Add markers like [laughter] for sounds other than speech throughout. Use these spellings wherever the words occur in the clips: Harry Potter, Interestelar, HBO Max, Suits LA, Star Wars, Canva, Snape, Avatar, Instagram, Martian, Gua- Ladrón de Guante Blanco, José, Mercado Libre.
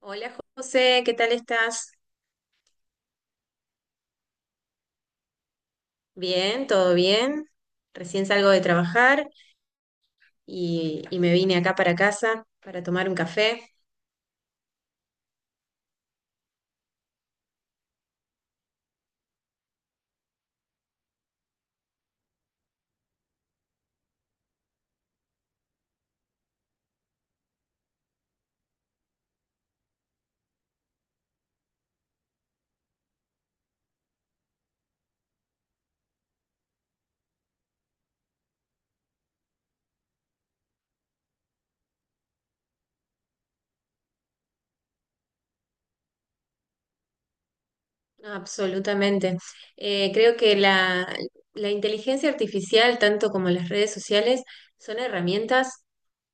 Hola José, ¿qué tal estás? Bien, todo bien. Recién salgo de trabajar y me vine acá para casa para tomar un café. Absolutamente. Creo que la inteligencia artificial, tanto como las redes sociales, son herramientas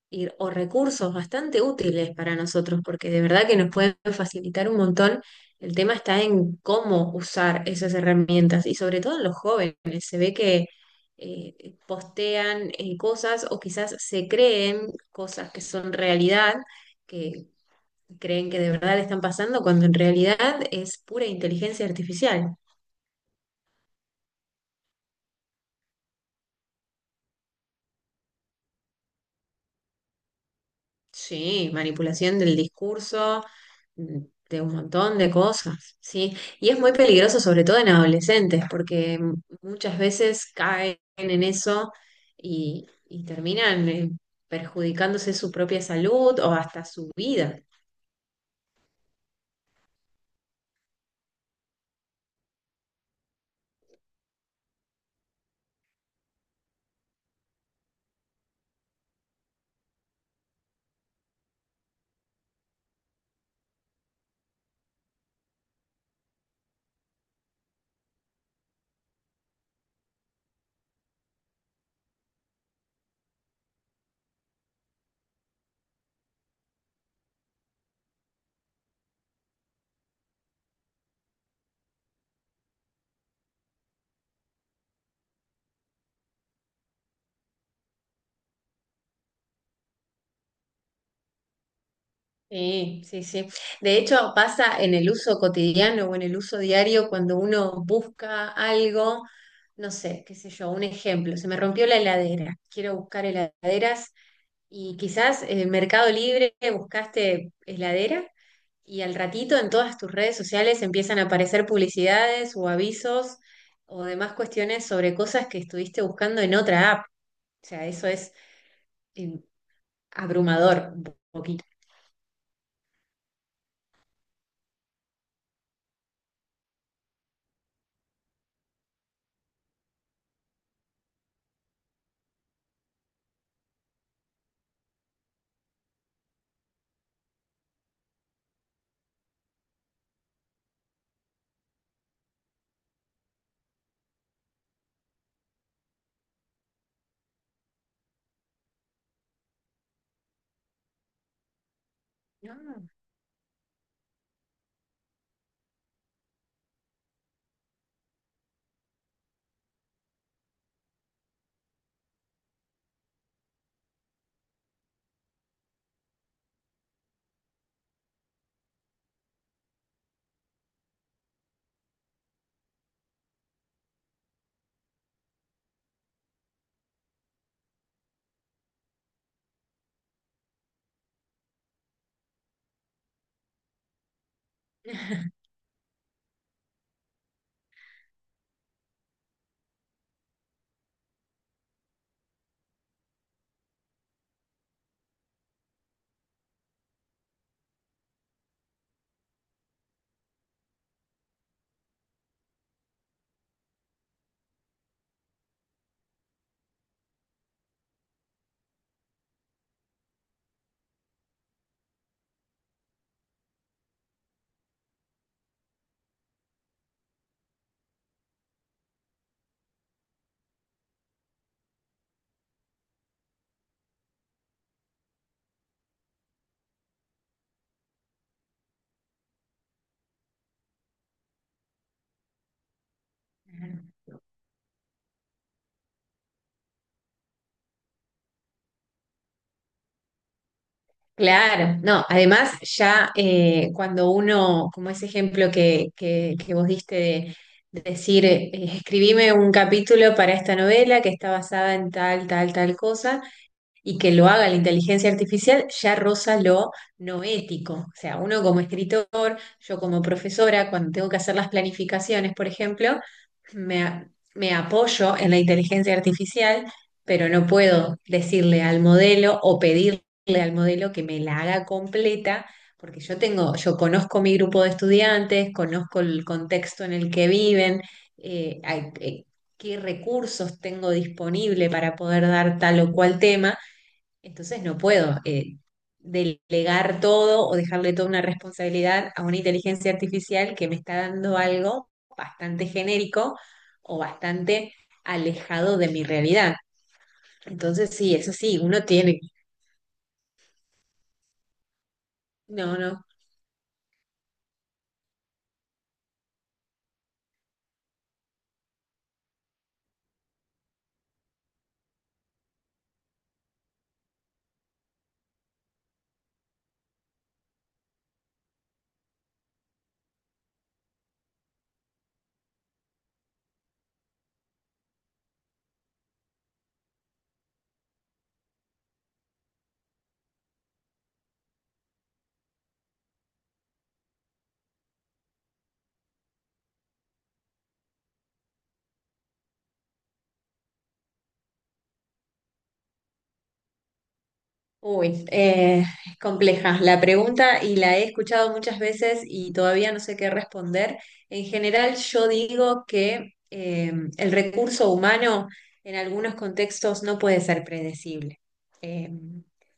o recursos bastante útiles para nosotros, porque de verdad que nos pueden facilitar un montón. El tema está en cómo usar esas herramientas y sobre todo en los jóvenes. Se ve que postean cosas o quizás se creen cosas que son realidad, que creen que de verdad le están pasando, cuando en realidad es pura inteligencia artificial. Sí, manipulación del discurso, mm, de un montón de cosas, ¿sí? Y es muy peligroso, sobre todo en adolescentes, porque muchas veces caen en eso y terminan perjudicándose su propia salud o hasta su vida. Sí, sí, sí. De hecho, pasa en el uso cotidiano o en el uso diario cuando uno busca algo, no sé, qué sé yo, un ejemplo, se me rompió la heladera, quiero buscar heladeras. Y quizás Mercado Libre, buscaste heladera y al ratito en todas tus redes sociales empiezan a aparecer publicidades o avisos o demás cuestiones sobre cosas que estuviste buscando en otra app. O sea, eso es eh, abrumador un poquito. No. [laughs] Claro, no, además ya cuando uno, como ese ejemplo que vos diste de decir, escribime un capítulo para esta novela que está basada en tal, tal, tal cosa y que lo haga la inteligencia artificial ya roza lo no ético. O sea, uno como escritor, yo como profesora, cuando tengo que hacer las planificaciones, por ejemplo, me, a- me apoyo en la inteligencia artificial, pero no puedo decirle al modelo o pedirle al modelo que me la haga completa. Porque yo tengo, yo conozco mi grupo de estudiantes, conozco el contexto en el que viven, eh, hay- eh, qué recursos tengo disponible para poder dar tal o cual tema, entonces no puedo delegar todo o dejarle toda una responsabilidad a una inteligencia artificial que me está dando algo bastante genérico o bastante alejado de mi realidad. Entonces sí, eso sí, uno tiene, no, no. Uy, es compleja la pregunta y la he escuchado muchas veces y todavía no sé qué responder. En general, yo digo que el recurso humano en algunos contextos no puede ser predecible, eh,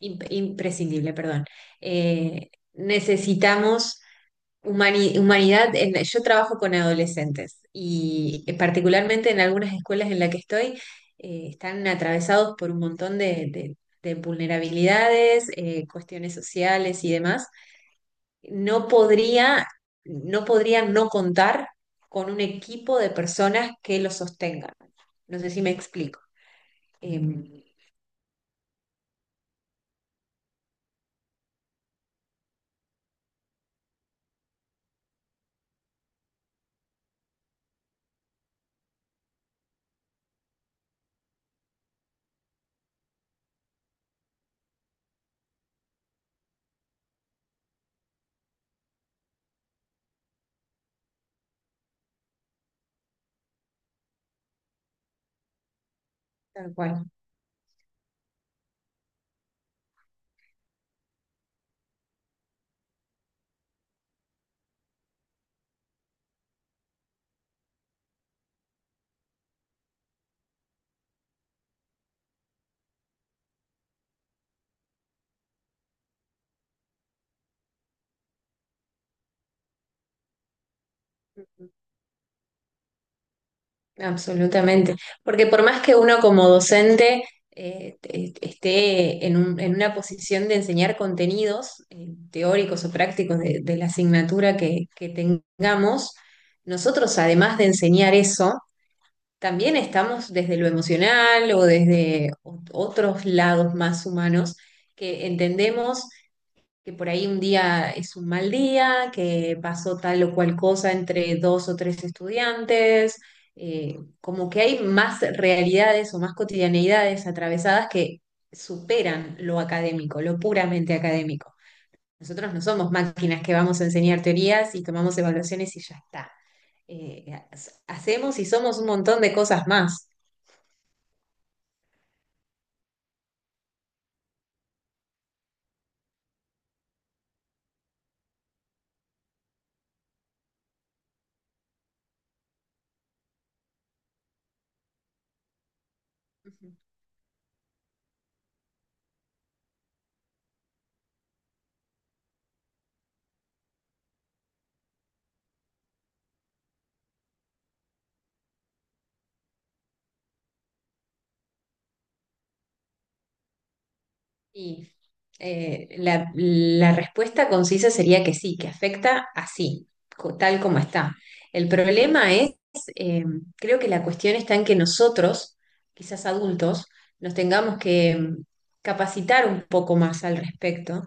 imprescindible, perdón. Necesitamos Humani- humanidad, Yo trabajo con adolescentes y particularmente en algunas escuelas en las que estoy, están atravesados por un montón de vulnerabilidades, cuestiones sociales y demás. No podría, no podría no contar con un equipo de personas que los sostengan. No sé si me explico. Em, tal cual. Absolutamente, porque por más que uno como docente esté en en una posición de enseñar contenidos teóricos o prácticos de la asignatura que tengamos, nosotros además de enseñar eso, también estamos desde lo emocional o desde otros lados más humanos, que entendemos que por ahí un día es un mal día, que pasó tal o cual cosa entre dos o tres estudiantes, como que hay más realidades o más cotidianeidades atravesadas que superan lo académico, lo puramente académico. Nosotros no somos máquinas que vamos a enseñar teorías y tomamos evaluaciones y ya está. Eh, hacemos y somos un montón de cosas más. Y la respuesta concisa sería que sí, que afecta así, tal como está. El problema es, eh, creo que la cuestión está en que nosotros, quizás adultos, nos tengamos que capacitar un poco más al respecto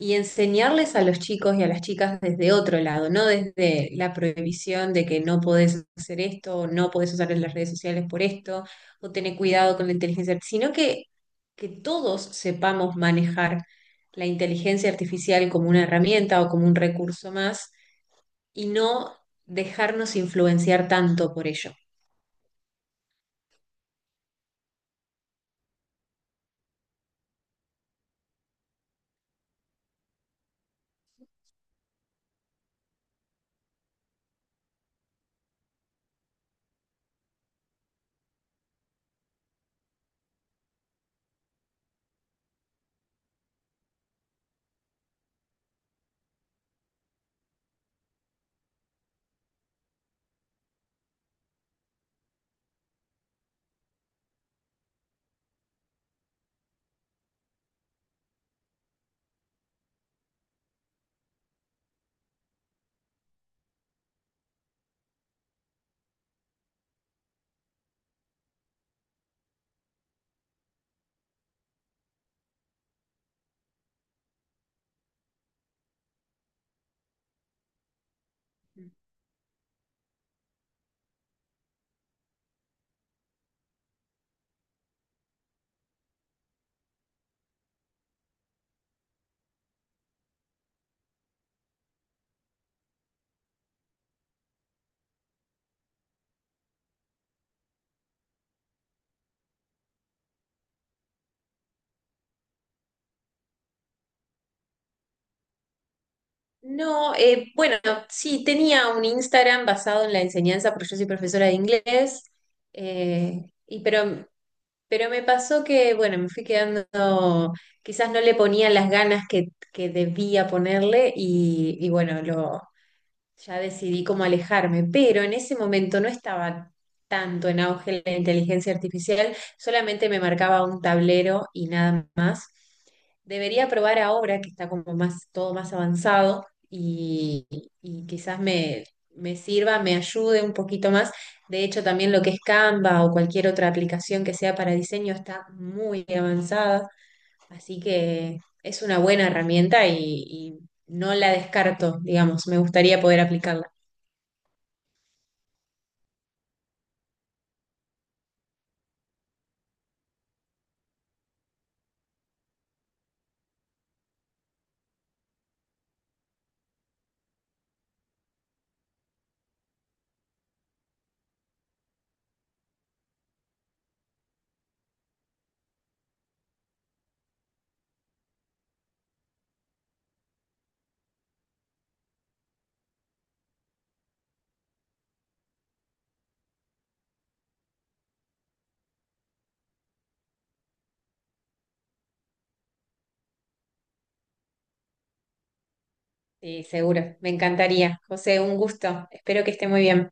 y enseñarles a los chicos y a las chicas desde otro lado, no desde la prohibición de que no podés hacer esto, o no podés usar las redes sociales por esto, o tener cuidado con la inteligencia, sino que todos sepamos manejar la inteligencia artificial como una herramienta o como un recurso más y no dejarnos influenciar tanto por ello. No, bueno, sí, tenía un Instagram basado en la enseñanza, porque yo soy profesora de inglés, y pero me pasó que, bueno, me fui quedando, quizás no le ponía las ganas que debía ponerle y bueno, lo, ya decidí cómo alejarme, pero en ese momento no estaba tanto en auge la inteligencia artificial, solamente me marcaba un tablero y nada más. Debería probar ahora que está como más, todo más avanzado y quizás me, me sirva, me ayude un poquito más. De hecho, también lo que es Canva o cualquier otra aplicación que sea para diseño está muy avanzada. Así que es una buena herramienta y no la descarto, digamos, me gustaría poder aplicarla. Sí, seguro, me encantaría. José, un gusto, espero que esté muy bien.